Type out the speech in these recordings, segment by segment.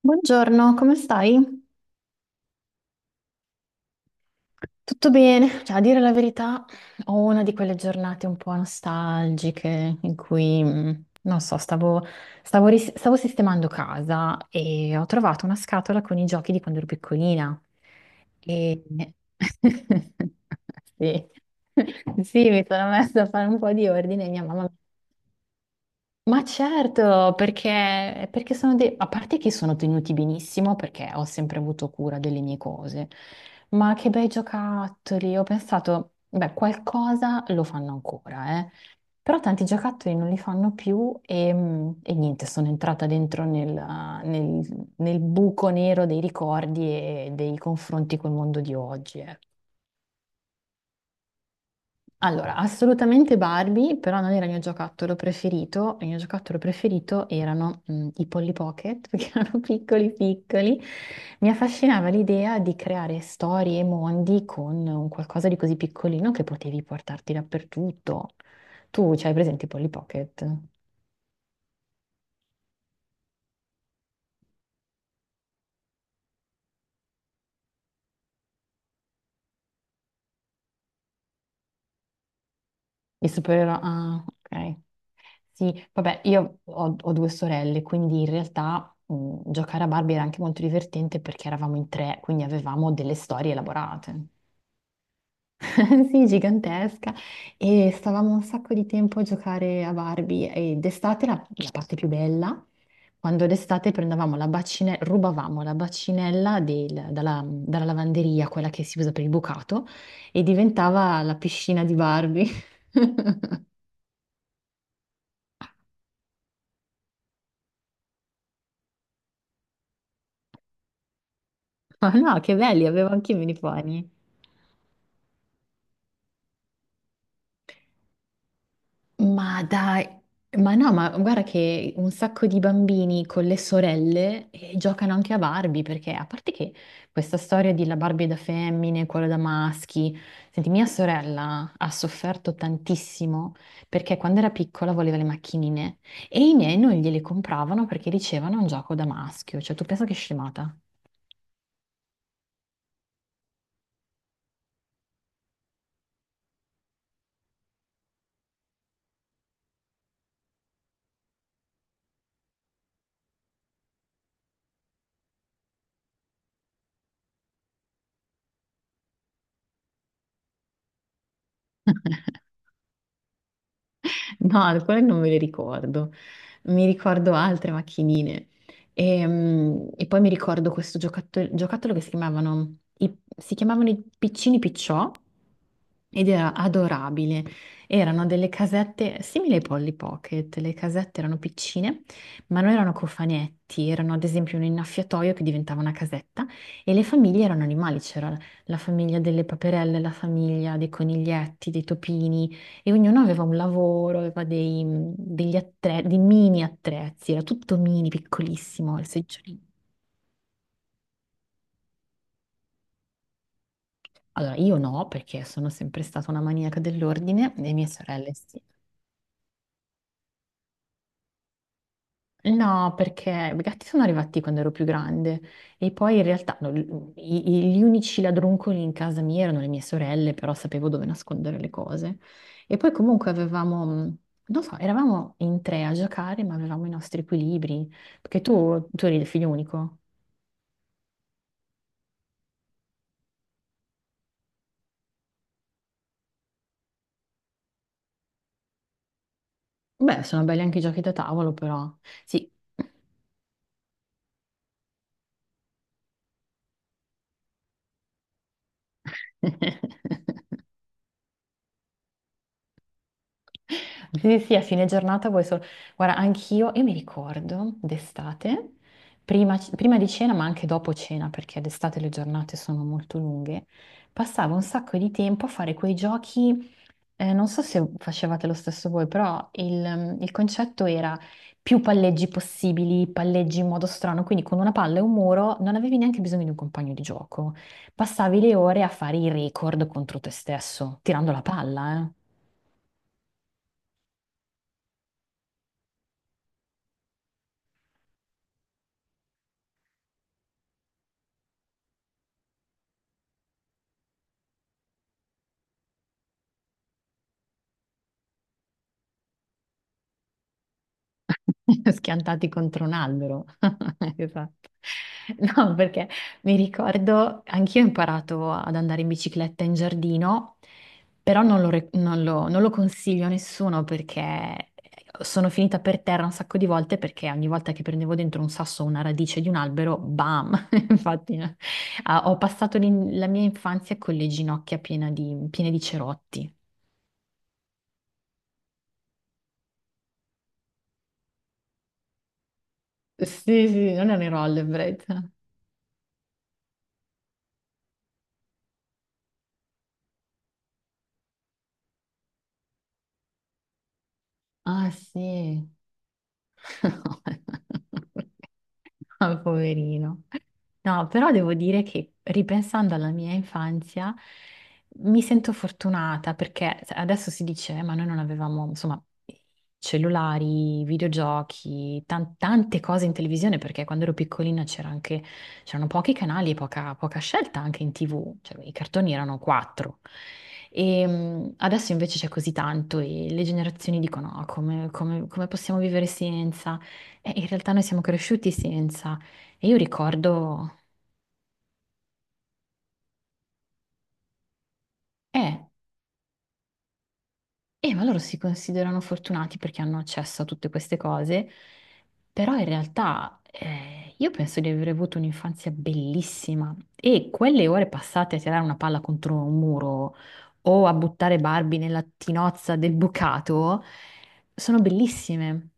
Buongiorno, come stai? Tutto bene? Cioè, a dire la verità, ho una di quelle giornate un po' nostalgiche in cui, non so, stavo sistemando casa e ho trovato una scatola con i giochi di quando ero piccolina. E. Sì. Sì, mi sono messa a fare un po' di ordine e mia mamma. Ma certo, perché A parte che sono tenuti benissimo perché ho sempre avuto cura delle mie cose, ma che bei giocattoli! Ho pensato, beh, qualcosa lo fanno ancora, eh. Però tanti giocattoli non li fanno più e, e niente, sono entrata dentro nel buco nero dei ricordi e dei confronti col mondo di oggi, ecco. Allora, assolutamente Barbie, però non era il mio giocattolo preferito. Il mio giocattolo preferito erano i Polly Pocket, perché erano piccoli piccoli. Mi affascinava l'idea di creare storie e mondi con un qualcosa di così piccolino che potevi portarti dappertutto. Tu c'hai presente i Polly Pocket? I supereroi? Ah, ok. Sì, vabbè, io ho due sorelle, quindi in realtà giocare a Barbie era anche molto divertente perché eravamo in tre, quindi avevamo delle storie elaborate. Sì, gigantesca, e stavamo un sacco di tempo a giocare a Barbie, e d'estate la parte più bella, quando d'estate prendevamo la bacinella, rubavamo la bacinella dalla lavanderia, quella che si usa per il bucato, e diventava la piscina di Barbie. Ma no, che belli, avevo anche i uniformi. Ma dai, ma no, ma guarda che un sacco di bambini con le sorelle giocano anche a Barbie, perché a parte che questa storia di la Barbie da femmine, quella da maschi, senti, mia sorella ha sofferto tantissimo perché quando era piccola voleva le macchinine e i miei non gliele compravano perché dicevano è un gioco da maschio, cioè tu pensa che scemata. No, alcune non me le ricordo. Mi ricordo altre macchinine. E, e poi mi ricordo questo giocattolo che si chiamavano i piccini picciò, ed era adorabile. Erano delle casette simili ai Polly Pocket. Le casette erano piccine, ma non erano cofanetti, erano ad esempio un innaffiatoio che diventava una casetta, e le famiglie erano animali. C'era la famiglia delle paperelle, la famiglia dei coniglietti, dei topini. E ognuno aveva un lavoro, aveva dei mini attrezzi, era tutto mini, piccolissimo, il seggiolino. Allora, io no, perché sono sempre stata una maniaca dell'ordine, e mie sorelle sì. No, perché i gatti sono arrivati quando ero più grande, e poi in realtà no, gli unici ladruncoli in casa mia erano le mie sorelle, però sapevo dove nascondere le cose. E poi comunque avevamo, non so, eravamo in tre a giocare, ma avevamo i nostri equilibri, perché tu eri il figlio unico. Beh, sono belli anche i giochi da tavolo, però. Sì. Sì, sì, sì, a fine giornata vuoi solo. Guarda, anch'io, io mi ricordo d'estate, prima di cena, ma anche dopo cena, perché d'estate le giornate sono molto lunghe, passavo un sacco di tempo a fare quei giochi, non so se facevate lo stesso voi, però il concetto era più palleggi possibili, palleggi in modo strano, quindi con una palla e un muro non avevi neanche bisogno di un compagno di gioco, passavi le ore a fare i record contro te stesso, tirando la palla, eh. Schiantati contro un albero. Esatto. No, perché mi ricordo, anch'io ho imparato ad andare in bicicletta in giardino, però non lo, re- non lo- non lo consiglio a nessuno perché sono finita per terra un sacco di volte, perché ogni volta che prendevo dentro un sasso o una radice di un albero, bam! Infatti, no. Ah, ho passato la mia infanzia con le ginocchia piene di cerotti. Sì, sì, non ero all'ebbrezza. Ah, sì. Ah, poverino. No, però devo dire che ripensando alla mia infanzia mi sento fortunata, perché adesso si dice, ma noi non avevamo, insomma, cellulari, videogiochi, tante cose in televisione, perché quando ero piccolina c'era anche, c'erano pochi canali e poca scelta anche in TV, cioè i cartoni erano quattro. E adesso invece c'è così tanto, e le generazioni dicono: "No, come, come possiamo vivere senza? E in realtà noi siamo cresciuti senza. E io ricordo, eh, ma loro si considerano fortunati perché hanno accesso a tutte queste cose, però in realtà io penso di aver avuto un'infanzia bellissima, e quelle ore passate a tirare una palla contro un muro o a buttare Barbie nella tinozza del bucato sono bellissime.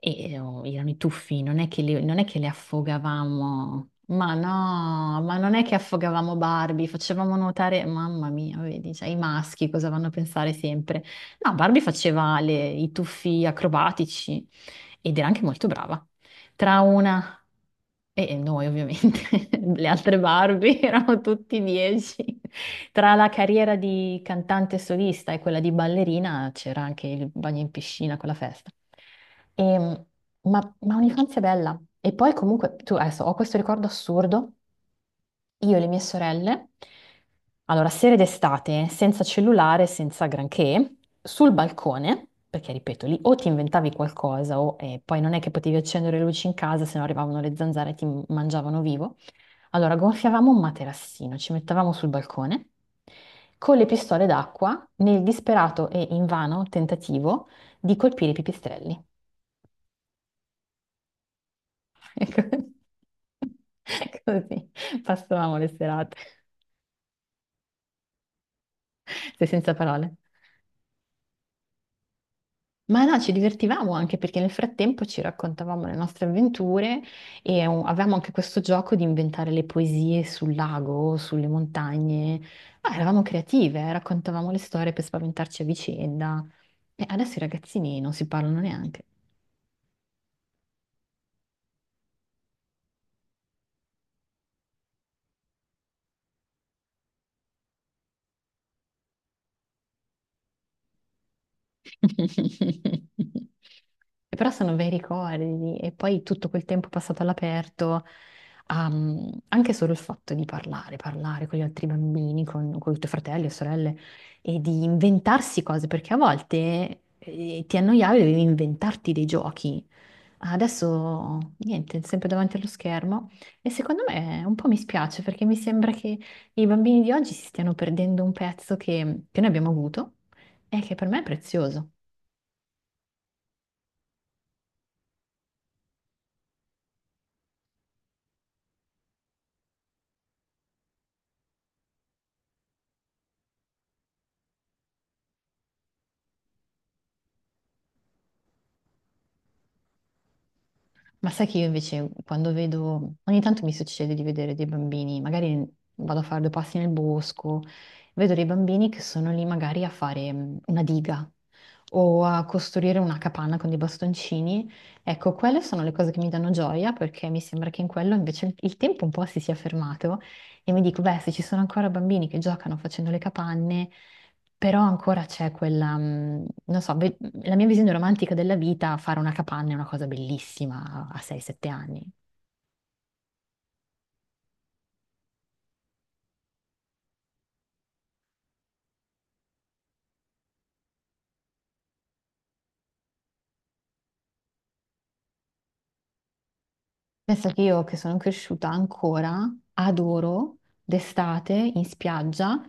E oh, erano i tuffi, non è che le affogavamo, ma no, ma non è che affogavamo Barbie, facevamo nuotare, mamma mia, vedi, cioè, i maschi cosa vanno a pensare sempre? No, Barbie faceva i tuffi acrobatici, ed era anche molto brava. Tra una, e noi ovviamente, le altre Barbie erano tutti dieci. Tra la carriera di cantante solista e quella di ballerina c'era anche il bagno in piscina con la festa. E, ma un'infanzia bella. E poi comunque, tu adesso ho questo ricordo assurdo, io e le mie sorelle, allora sere d'estate, senza cellulare, senza granché, sul balcone, perché ripeto, lì o ti inventavi qualcosa o poi non è che potevi accendere le luci in casa, se no arrivavano le zanzare e ti mangiavano vivo. Allora gonfiavamo un materassino, ci mettevamo sul balcone con le pistole d'acqua nel disperato e invano tentativo di colpire i pipistrelli. Ecco. Così passavamo le serate. Sei senza parole. Ma no, ci divertivamo anche perché nel frattempo ci raccontavamo le nostre avventure, e avevamo anche questo gioco di inventare le poesie sul lago, sulle montagne. Ah, eravamo creative, raccontavamo le storie per spaventarci a vicenda. E adesso i ragazzini non si parlano neanche. E però sono bei ricordi, e poi tutto quel tempo passato all'aperto, anche solo il fatto di parlare, parlare con gli altri bambini, con i tuoi fratelli e sorelle, e di inventarsi cose, perché a volte ti annoiavi e dovevi inventarti dei giochi. Adesso niente, sempre davanti allo schermo, e secondo me un po' mi spiace, perché mi sembra che i bambini di oggi si stiano perdendo un pezzo che noi abbiamo avuto, e che per me è prezioso. Ma sai che io invece quando vedo, ogni tanto mi succede di vedere dei bambini, magari vado a fare due passi nel bosco, vedo dei bambini che sono lì magari a fare una diga o a costruire una capanna con dei bastoncini. Ecco, quelle sono le cose che mi danno gioia, perché mi sembra che in quello invece il tempo un po' si sia fermato, e mi dico, beh, se ci sono ancora bambini che giocano facendo le capanne. Però ancora c'è quella, non so, la mia visione romantica della vita, fare una capanna è una cosa bellissima a 6-7 anni. Pensa che io, che sono cresciuta ancora, adoro d'estate in spiaggia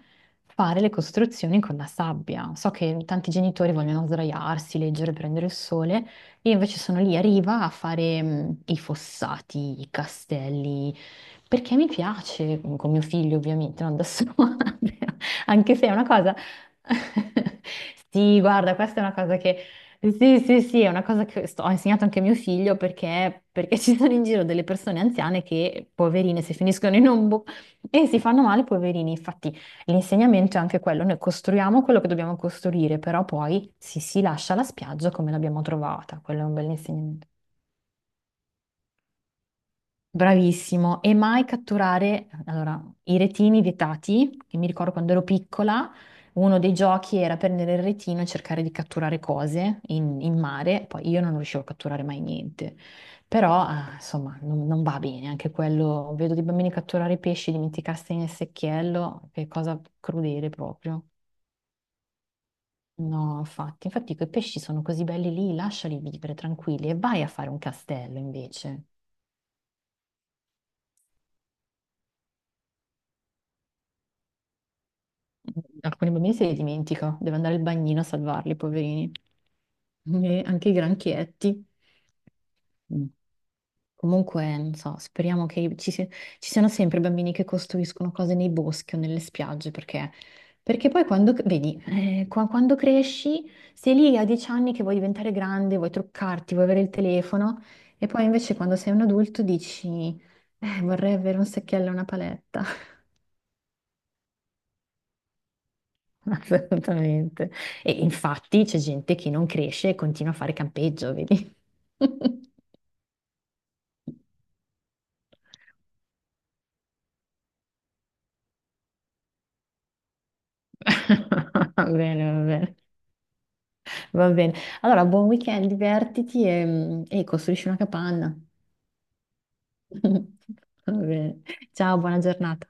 fare le costruzioni con la sabbia. So che tanti genitori vogliono sdraiarsi, leggere, prendere il sole, io invece sono lì a riva a fare i fossati, i castelli, perché mi piace, con mio figlio ovviamente, non da sola, anche se è una cosa. Sì, guarda, questa è una cosa che. Sì, sì, sì, è una cosa che ho insegnato anche a mio figlio, perché ci sono in giro delle persone anziane che, poverine, si finiscono in un buco e si fanno male, poverini. Infatti, l'insegnamento è anche quello, noi costruiamo quello che dobbiamo costruire, però poi si lascia la spiaggia come l'abbiamo trovata. Quello è un bel. Bravissimo, e mai catturare, allora, i retini vietati, che mi ricordo quando ero piccola, uno dei giochi era prendere il retino e cercare di catturare cose in mare, poi io non riuscivo a catturare mai niente, però ah, insomma non va bene anche quello, vedo dei bambini catturare pesci, dimenticarsi nel secchiello, che cosa crudele proprio. No, infatti quei pesci sono così belli lì, lasciali vivere tranquilli e vai a fare un castello invece. Alcuni bambini se li dimentica, deve andare al bagnino a salvarli, poverini. E anche i granchietti. Mm. Comunque, non so, speriamo che ci siano sempre bambini che costruiscono cose nei boschi o nelle spiagge, perché poi quando, vedi, quando cresci, sei lì a 10 anni che vuoi diventare grande, vuoi truccarti, vuoi avere il telefono, e poi invece quando sei un adulto dici, vorrei avere un secchiello e una paletta. Assolutamente. E infatti c'è gente che non cresce e continua a fare campeggio, vedi? Va bene, va bene, va bene. Allora, buon weekend, divertiti e, e costruisci una capanna. Va bene. Ciao, buona giornata.